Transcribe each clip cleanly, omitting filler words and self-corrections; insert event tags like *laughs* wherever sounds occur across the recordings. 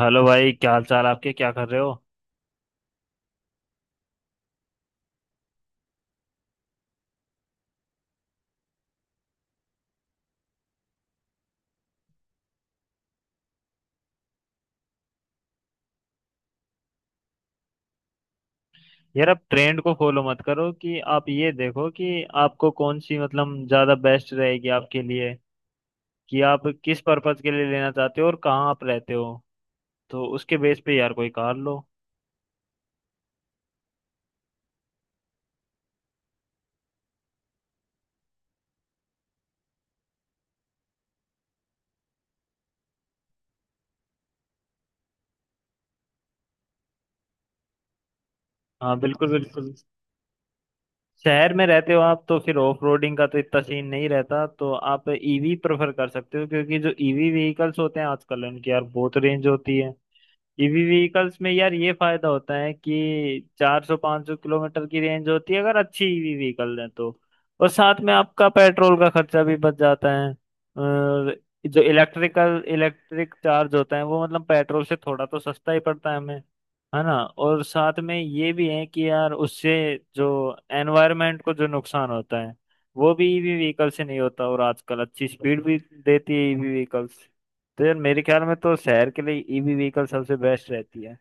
Hello भाई, क्या हाल चाल आपके? क्या कर रहे हो? यार, आप ट्रेंड को फॉलो मत करो। कि आप ये देखो कि आपको कौन सी मतलब ज्यादा बेस्ट रहेगी आपके लिए, कि आप किस पर्पज के लिए लेना चाहते हो और कहाँ आप रहते हो। तो उसके बेस पे यार कोई कार लो। हाँ, बिल्कुल बिल्कुल। शहर में रहते हो आप तो फिर ऑफ रोडिंग का तो इतना सीन नहीं रहता, तो आप ईवी प्रेफर कर सकते हो, क्योंकि जो ईवी व्हीकल्स होते हैं आजकल, उनकी यार बहुत रेंज होती है। ईवी व्हीकल्स में यार ये फायदा होता है कि 400-500 किलोमीटर की रेंज होती है, अगर अच्छी ईवी व्हीकल है तो। और साथ में आपका पेट्रोल का खर्चा भी बच जाता है। और जो इलेक्ट्रिक चार्ज होता है वो मतलब पेट्रोल से थोड़ा तो सस्ता ही पड़ता है हमें, है ना। और साथ में ये भी है कि यार उससे जो एनवायरनमेंट को जो नुकसान होता है वो भी ईवी व्हीकल से नहीं होता, और आजकल अच्छी स्पीड भी देती है ईवी व्हीकल्स। तो यार मेरे ख्याल में तो शहर के लिए ईवी व्हीकल सबसे बेस्ट रहती है।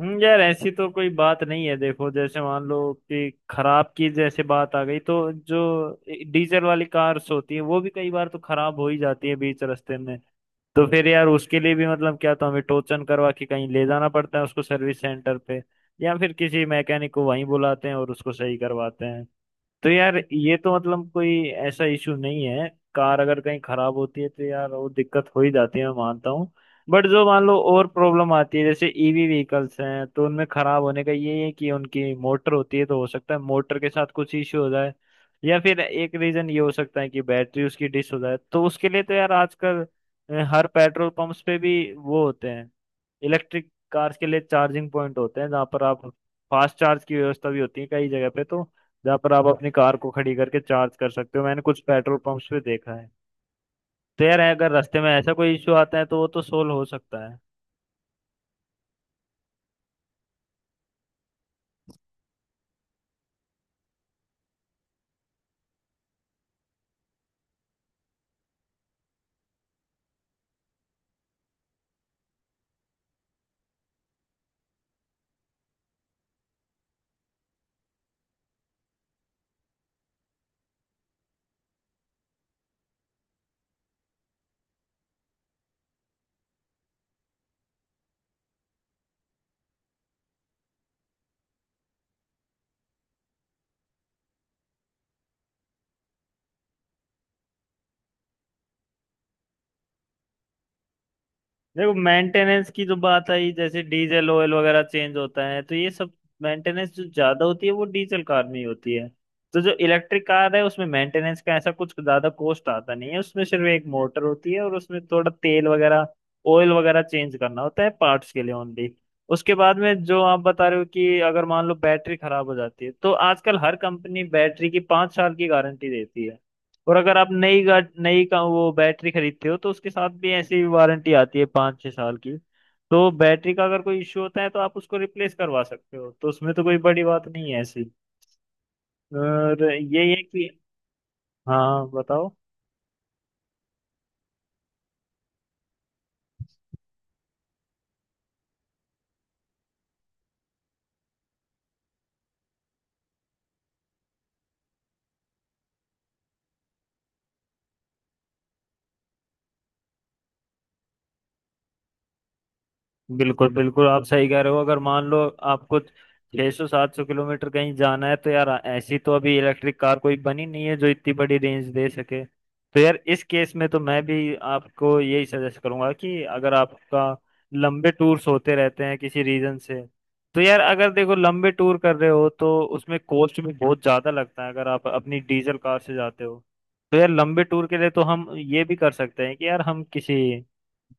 यार ऐसी तो कोई बात नहीं है। देखो, जैसे मान लो कि खराब की जैसे बात आ गई, तो जो डीजल वाली कार्स होती है वो भी कई बार तो खराब हो ही जाती है बीच रास्ते में। तो फिर यार उसके लिए भी, मतलब क्या, तो हमें टोचन करवा के कहीं ले जाना पड़ता है उसको सर्विस सेंटर पे, या फिर किसी मैकेनिक को वहीं बुलाते हैं और उसको सही करवाते हैं। तो यार ये तो मतलब कोई ऐसा इशू नहीं है। कार अगर कहीं खराब होती है तो यार वो दिक्कत हो ही जाती है, मैं मानता हूँ। बट जो मान लो और प्रॉब्लम आती है जैसे ईवी व्हीकल्स हैं, तो उनमें खराब होने का ये है कि उनकी मोटर होती है, तो हो सकता है मोटर के साथ कुछ इश्यू हो जाए, या फिर एक रीजन ये हो सकता है कि बैटरी उसकी डिस हो जाए। तो उसके लिए तो यार आजकल हर पेट्रोल पंप्स पे भी वो होते हैं। इलेक्ट्रिक कार्स के लिए चार्जिंग पॉइंट होते हैं, जहाँ पर आप फास्ट चार्ज की व्यवस्था भी होती है कई जगह पे, तो जहाँ पर आप अपनी कार को खड़ी करके चार्ज कर सकते हो, मैंने कुछ पेट्रोल पंप्स पे देखा है। तो यार अगर रास्ते में ऐसा कोई इशू आता है तो वो तो सोल्व हो सकता है। देखो, मेंटेनेंस की जो बात आई, जैसे डीजल ऑयल वगैरह चेंज होता है, तो ये सब मेंटेनेंस जो ज्यादा होती है वो डीजल कार में ही होती है। तो जो इलेक्ट्रिक कार है उसमें मेंटेनेंस का ऐसा कुछ ज्यादा कॉस्ट आता नहीं है, उसमें सिर्फ एक मोटर होती है और उसमें थोड़ा तेल वगैरह, ऑयल वगैरह चेंज करना होता है पार्ट्स के लिए ओनली। उसके बाद में जो आप बता रहे हो कि अगर मान लो बैटरी खराब हो जाती है, तो आजकल हर कंपनी बैटरी की 5 साल की गारंटी देती है। और अगर आप नई का वो बैटरी खरीदते हो तो उसके साथ भी ऐसी वारंटी आती है 5-6 साल की। तो बैटरी का अगर कोई इश्यू होता है तो आप उसको रिप्लेस करवा सकते हो, तो उसमें तो कोई बड़ी बात नहीं है ऐसी। और यही है कि, हाँ बताओ। बिल्कुल बिल्कुल, आप सही कह रहे हो। अगर मान लो आपको 600-700 किलोमीटर कहीं जाना है तो यार ऐसी तो अभी इलेक्ट्रिक कार कोई बनी नहीं है जो इतनी बड़ी रेंज दे सके। तो यार इस केस में तो मैं भी आपको यही सजेस्ट करूंगा कि अगर आपका लंबे टूर्स होते रहते हैं किसी रीजन से, तो यार अगर देखो लंबे टूर कर रहे हो तो उसमें कॉस्ट भी बहुत ज्यादा लगता है अगर आप अपनी डीजल कार से जाते हो। तो यार लंबे टूर के लिए तो हम ये भी कर सकते हैं कि यार हम किसी,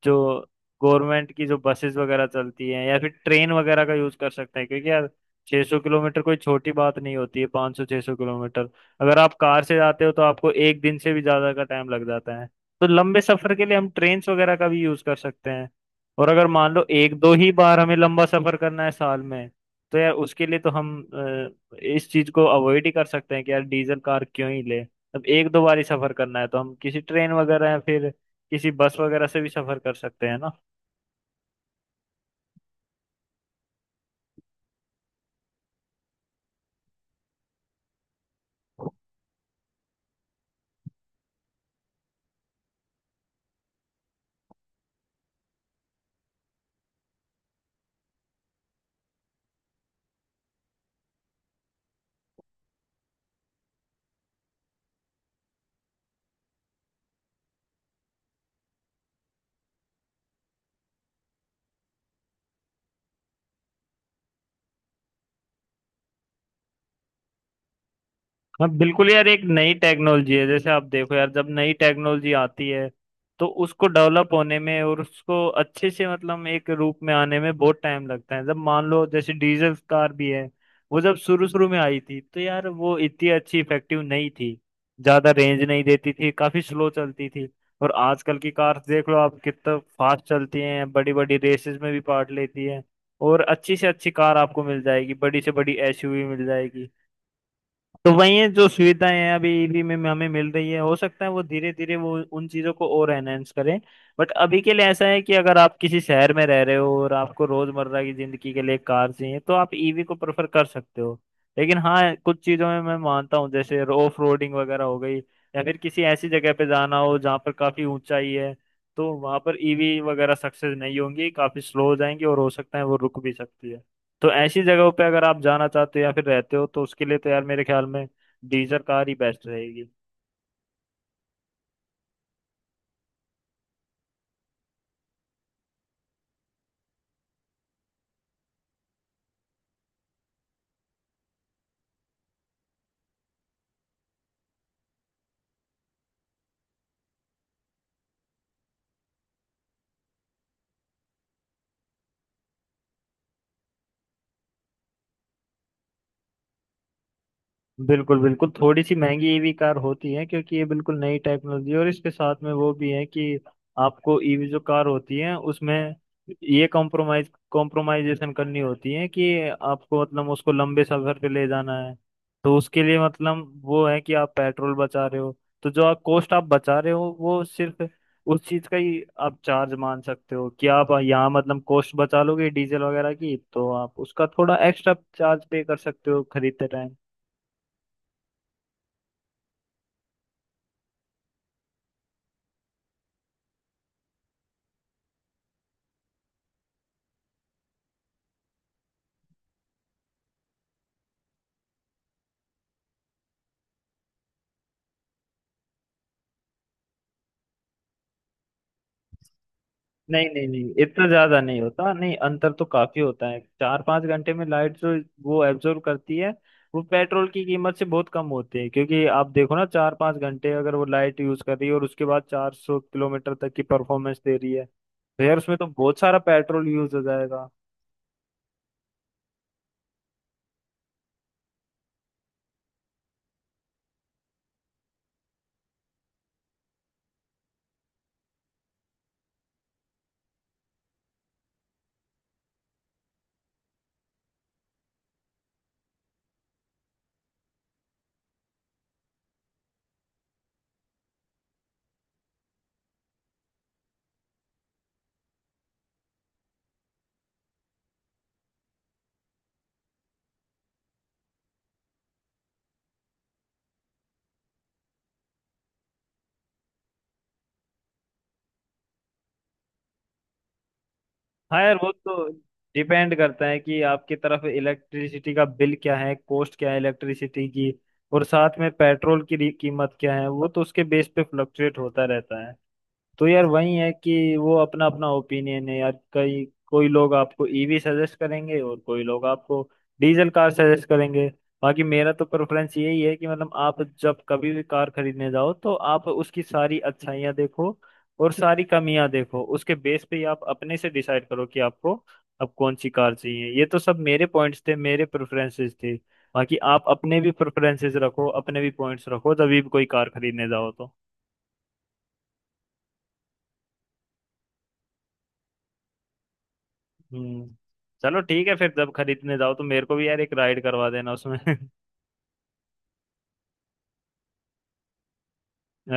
जो गवर्नमेंट की जो बसेस वगैरह चलती हैं या फिर ट्रेन वगैरह का यूज कर सकते हैं, क्योंकि यार 600 किलोमीटर कोई छोटी बात नहीं होती है। 500 600 किलोमीटर अगर आप कार से जाते हो तो आपको एक दिन से भी ज्यादा का टाइम लग जाता है। तो लंबे सफर के लिए हम ट्रेन्स वगैरह का भी यूज कर सकते हैं। और अगर मान लो एक दो ही बार हमें लंबा सफर करना है साल में, तो यार उसके लिए तो हम इस चीज को अवॉइड ही कर सकते हैं कि यार डीजल कार क्यों ही ले। अब एक दो बार ही सफर करना है तो हम किसी ट्रेन वगैरह या फिर किसी बस वगैरह से भी सफर कर सकते हैं ना। हाँ, बिल्कुल यार, एक नई टेक्नोलॉजी है। जैसे आप देखो यार, जब नई टेक्नोलॉजी आती है तो उसको डेवलप होने में और उसको अच्छे से मतलब एक रूप में आने में बहुत टाइम लगता है। जब मान लो जैसे डीजल कार भी है, वो जब शुरू शुरू में आई थी तो यार वो इतनी अच्छी इफेक्टिव नहीं थी, ज्यादा रेंज नहीं देती थी, काफी स्लो चलती थी। और आजकल की कार्स देख लो आप, कितना फास्ट चलती हैं, बड़ी बड़ी रेसेस में भी पार्ट लेती हैं, और अच्छी से अच्छी कार आपको मिल जाएगी, बड़ी से बड़ी एसयूवी मिल जाएगी। तो वही है, जो सुविधाएं हैं अभी ईबी में हमें मिल रही है, हो सकता है वो धीरे धीरे वो उन चीजों को और एनहेंस करें। बट अभी के लिए ऐसा है कि अगर आप किसी शहर में रह रहे हो और आपको रोजमर्रा की जिंदगी के लिए कार चाहिए तो आप ईवी को प्रेफर कर सकते हो। लेकिन हाँ, कुछ चीजों में मैं मानता हूँ, जैसे ऑफ रोडिंग वगैरह हो गई, या फिर किसी ऐसी जगह पे जाना हो जहाँ पर काफी ऊंचाई है, तो वहां पर ईवी वगैरह सक्सेस नहीं होंगी, काफी स्लो हो जाएंगी, और हो सकता है वो रुक भी सकती है। तो ऐसी जगहों पे अगर आप जाना चाहते हो या फिर रहते हो, तो उसके लिए तो यार मेरे ख्याल में डीजर कार ही बेस्ट रहेगी। बिल्कुल बिल्कुल, थोड़ी सी महंगी ईवी कार होती है, क्योंकि ये बिल्कुल नई टेक्नोलॉजी है, और इसके साथ में वो भी है कि आपको ईवी जो कार होती है उसमें ये कॉम्प्रोमाइज कॉम्प्रोमाइजेशन करनी होती है कि आपको मतलब उसको लंबे सफर पे ले जाना है। तो उसके लिए मतलब वो है कि आप पेट्रोल बचा रहे हो, तो जो आप कॉस्ट आप बचा रहे हो वो सिर्फ उस चीज का ही आप चार्ज मान सकते हो, कि आप यहाँ मतलब कॉस्ट बचा लोगे डीजल वगैरह की, तो आप उसका थोड़ा एक्स्ट्रा चार्ज पे कर सकते हो खरीदते टाइम। नहीं नहीं नहीं, इतना ज्यादा नहीं होता, नहीं अंतर तो काफी होता है। 4-5 घंटे में लाइट जो वो एब्जॉर्ब करती है, वो पेट्रोल की कीमत से बहुत कम होती है, क्योंकि आप देखो ना, 4-5 घंटे अगर वो लाइट यूज कर रही है और उसके बाद 400 किलोमीटर तक की परफॉर्मेंस दे रही है, तो यार उसमें तो बहुत सारा पेट्रोल यूज हो जाएगा। हाँ यार, वो तो डिपेंड करता है कि आपकी तरफ इलेक्ट्रिसिटी का बिल क्या है, कॉस्ट क्या है इलेक्ट्रिसिटी की, और साथ में पेट्रोल की कीमत क्या है, वो तो उसके बेस पे फ्लक्चुएट होता रहता है। तो यार वही है कि वो अपना अपना ओपिनियन है यार। कई कोई लोग आपको ईवी सजेस्ट करेंगे और कोई लोग आपको डीजल कार सजेस्ट करेंगे। बाकी मेरा तो प्रेफरेंस यही है कि, मतलब आप जब कभी भी कार खरीदने जाओ तो आप उसकी सारी अच्छाइयाँ देखो और सारी कमियां देखो, उसके बेस पे ही आप अपने से डिसाइड करो कि आपको अब कौन सी कार चाहिए। ये तो सब मेरे पॉइंट्स थे, मेरे प्रेफरेंसेस थे। बाकी आप अपने भी प्रेफरेंसेस रखो, अपने भी पॉइंट्स रखो, तभी भी कोई कार खरीदने जाओ तो। हम्म। चलो ठीक है फिर, जब खरीदने जाओ तो मेरे को भी यार एक राइड करवा देना उसमें। *laughs*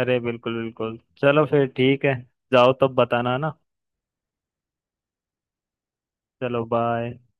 अरे बिल्कुल बिल्कुल, चलो फिर ठीक है। जाओ तब बताना ना। चलो बाय।